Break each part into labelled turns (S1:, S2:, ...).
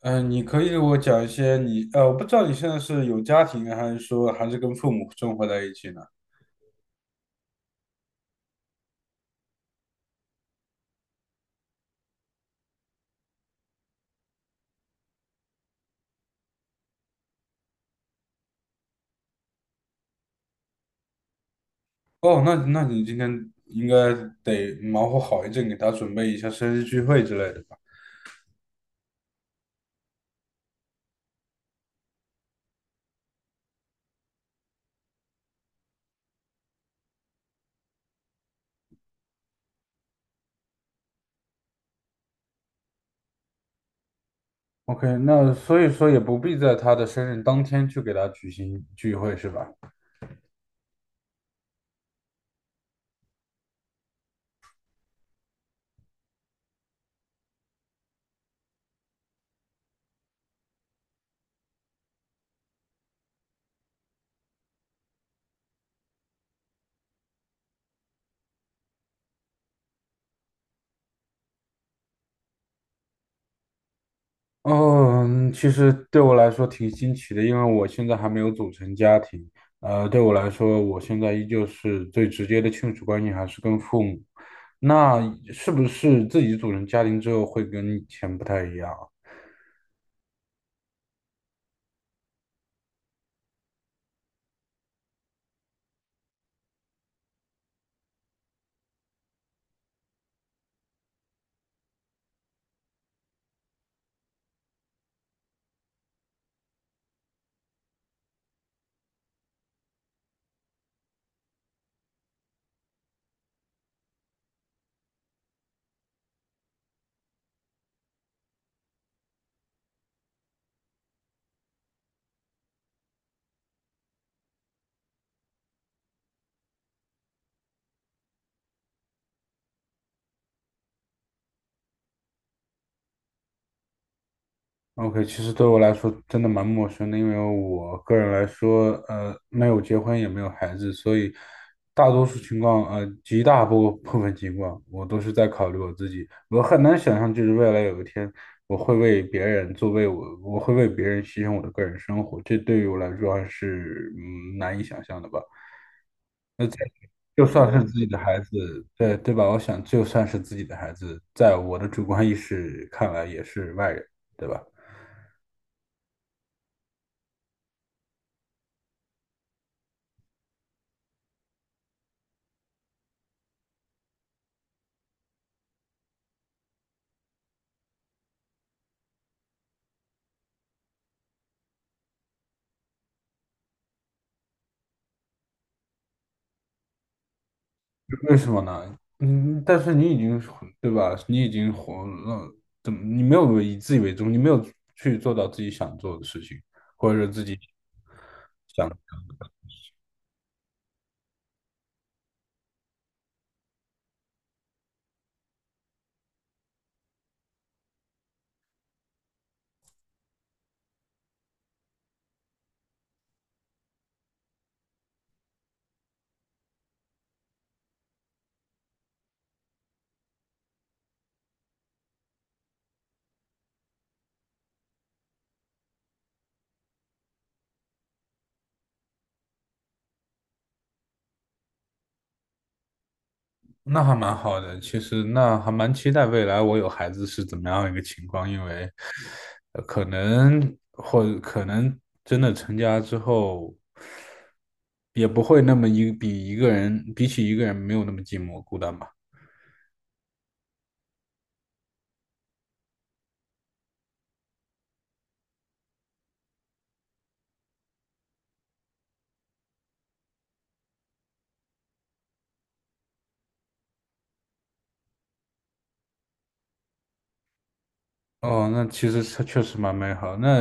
S1: 嗯，你可以给我讲一些你，我不知道你现在是有家庭，还是跟父母生活在一起呢？哦，那你今天应该得忙活好一阵，给他准备一下生日聚会之类的吧？OK，那所以说也不必在他的生日当天去给他举行聚会，是吧？哦，嗯，其实对我来说挺新奇的，因为我现在还没有组成家庭。对我来说，我现在依旧是最直接的亲属关系还是跟父母。那是不是自己组成家庭之后会跟以前不太一样啊？OK，其实对我来说真的蛮陌生的，因为我个人来说，没有结婚也没有孩子，所以大多数情况，极大部分情况，我都是在考虑我自己。我很难想象，就是未来有一天，我会为别人做，我会为别人牺牲我的个人生活，这对于我来说还是难以想象的吧。就算是自己的孩子，对吧？我想，就算是自己的孩子，在我的主观意识看来也是外人，对吧？为什么呢？嗯，但是你已经活，对吧？你已经活了，怎么你没有去做到自己想做的事情，或者是自己想，那还蛮好的。其实那还蛮期待未来我有孩子是怎么样一个情况，因为可能真的成家之后，也不会那么一比一个人比起一个人没有那么寂寞孤单吧。哦，那其实它确实蛮美好。那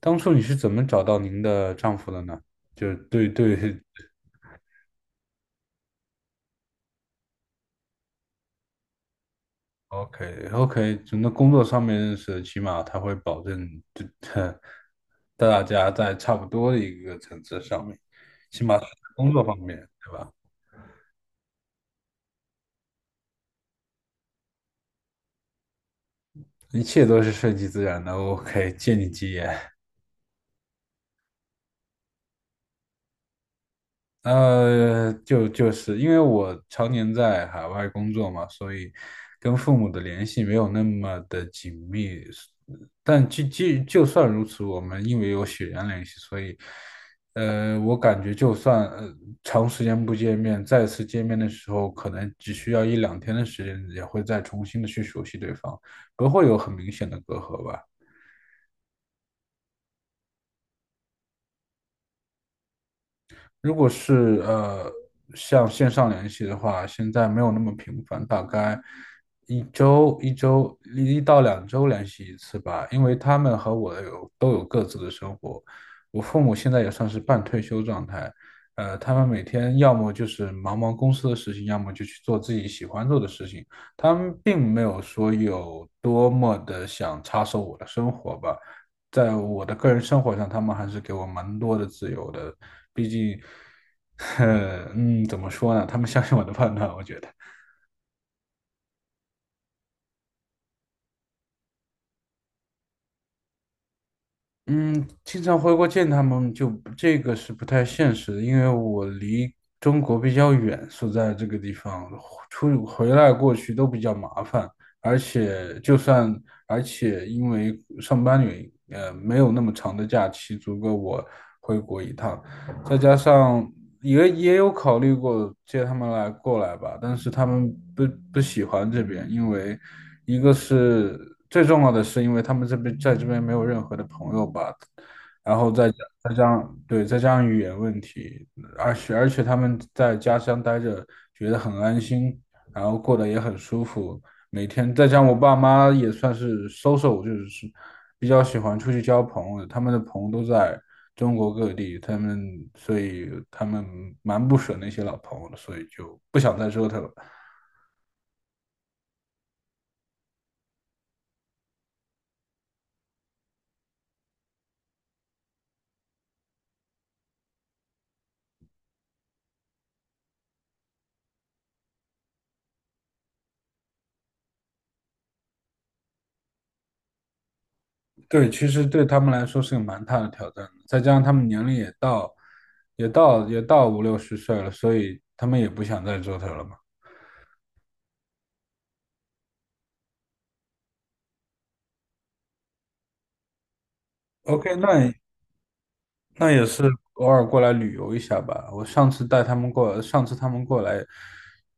S1: 当初你是怎么找到您的丈夫的呢？就对对 ，OK OK，从那工作上面认识，起码他会保证这 大家在差不多的一个层次上面，起码是工作方面，对吧？一切都是顺其自然的。OK，借你吉言。就是因为我常年在海外工作嘛，所以跟父母的联系没有那么的紧密。但就算如此，我们因为有血缘联系，所以，我感觉就算长时间不见面，再次见面的时候，可能只需要一两天的时间，也会再重新的去熟悉对方，不会有很明显的隔阂吧。如果是像线上联系的话，现在没有那么频繁，大概1到2周联系一次吧。因为他们和我都有各自的生活，我父母现在也算是半退休状态，他们每天要么就是忙忙公司的事情，要么就去做自己喜欢做的事情。他们并没有说有多么的想插手我的生活吧。在我的个人生活上，他们还是给我蛮多的自由的。毕竟 怎么说呢？他们相信我的判断，我觉得，嗯，经常回国见他们就这个是不太现实的，因为我离中国比较远，所在这个地方出回来过去都比较麻烦，而且因为上班原因，没有那么长的假期足够我回国一趟，再加上也有考虑过接他们来过来吧，但是他们不喜欢这边，因为一个是最重要的是，因为他们在这边没有任何的朋友吧，然后再加再加上对再加上语言问题，而且他们在家乡待着觉得很安心，然后过得也很舒服，每天再加上我爸妈也算是 social，就是比较喜欢出去交朋友，他们的朋友都在中国各地，所以他们蛮不舍那些老朋友的，所以就不想再折腾了。对，其实对他们来说是个蛮大的挑战的，再加上他们年龄也到，也到五六十岁了，所以他们也不想再折腾了嘛。OK，那也是偶尔过来旅游一下吧。我上次带他们过，上次他们过来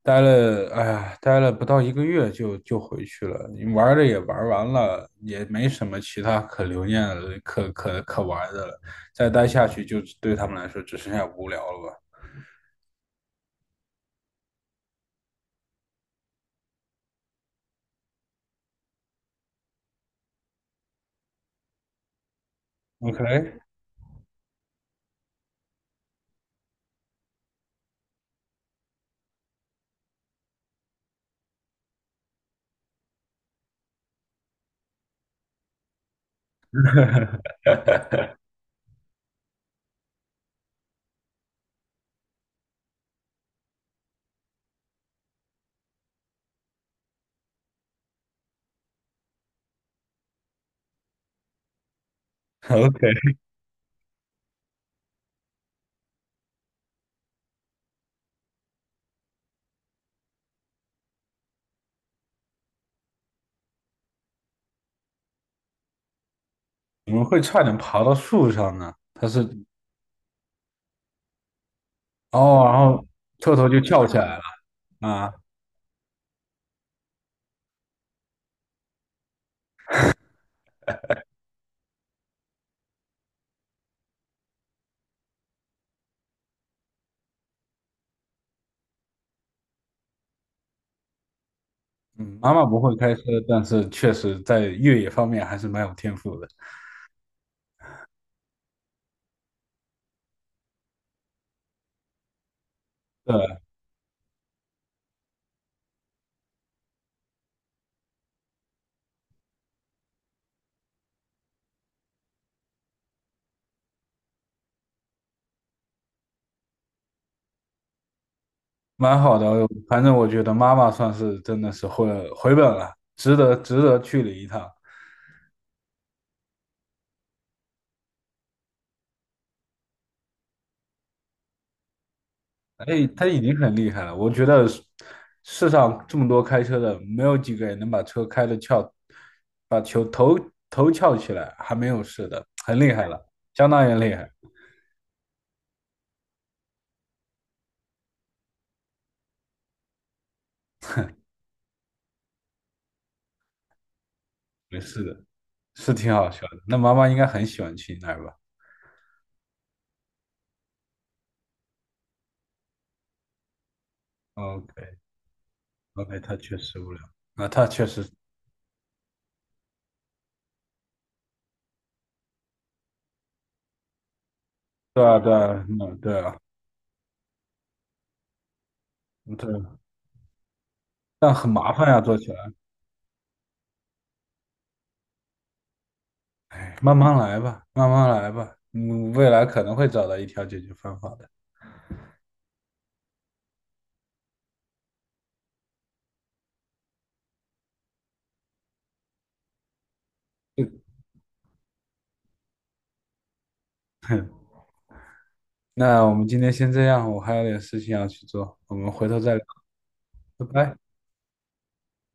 S1: 待了，哎呀，待了不到一个月就回去了。你玩儿的也玩儿完了，也没什么其他可留念的、可玩儿的了。再待下去就对他们来说只剩下无聊了吧。OK，OK，怎么 会差点爬到树上呢。哦，然后特头就跳起来了啊。嗯，妈妈不会开车，但是确实在越野方面还是蛮有天赋的。对，蛮好的。反正我觉得妈妈算是真的是回本了，值得值得去了一趟。哎，她已经很厉害了。我觉得世上这么多开车的，没有几个人能把车开的翘，把球头翘起来，还没有事的，很厉害了，相当于厉害。没事的，是挺好笑的。那妈妈应该很喜欢去那儿吧？OK OK，她确实无聊。啊，她确实。对啊，对啊，嗯，对啊，对，但很麻烦呀，做起来。哎，慢慢来吧，慢慢来吧，未来可能会找到一条解决方法的。那我们今天先这样，我还有点事情要去做，我们回头再聊，拜拜。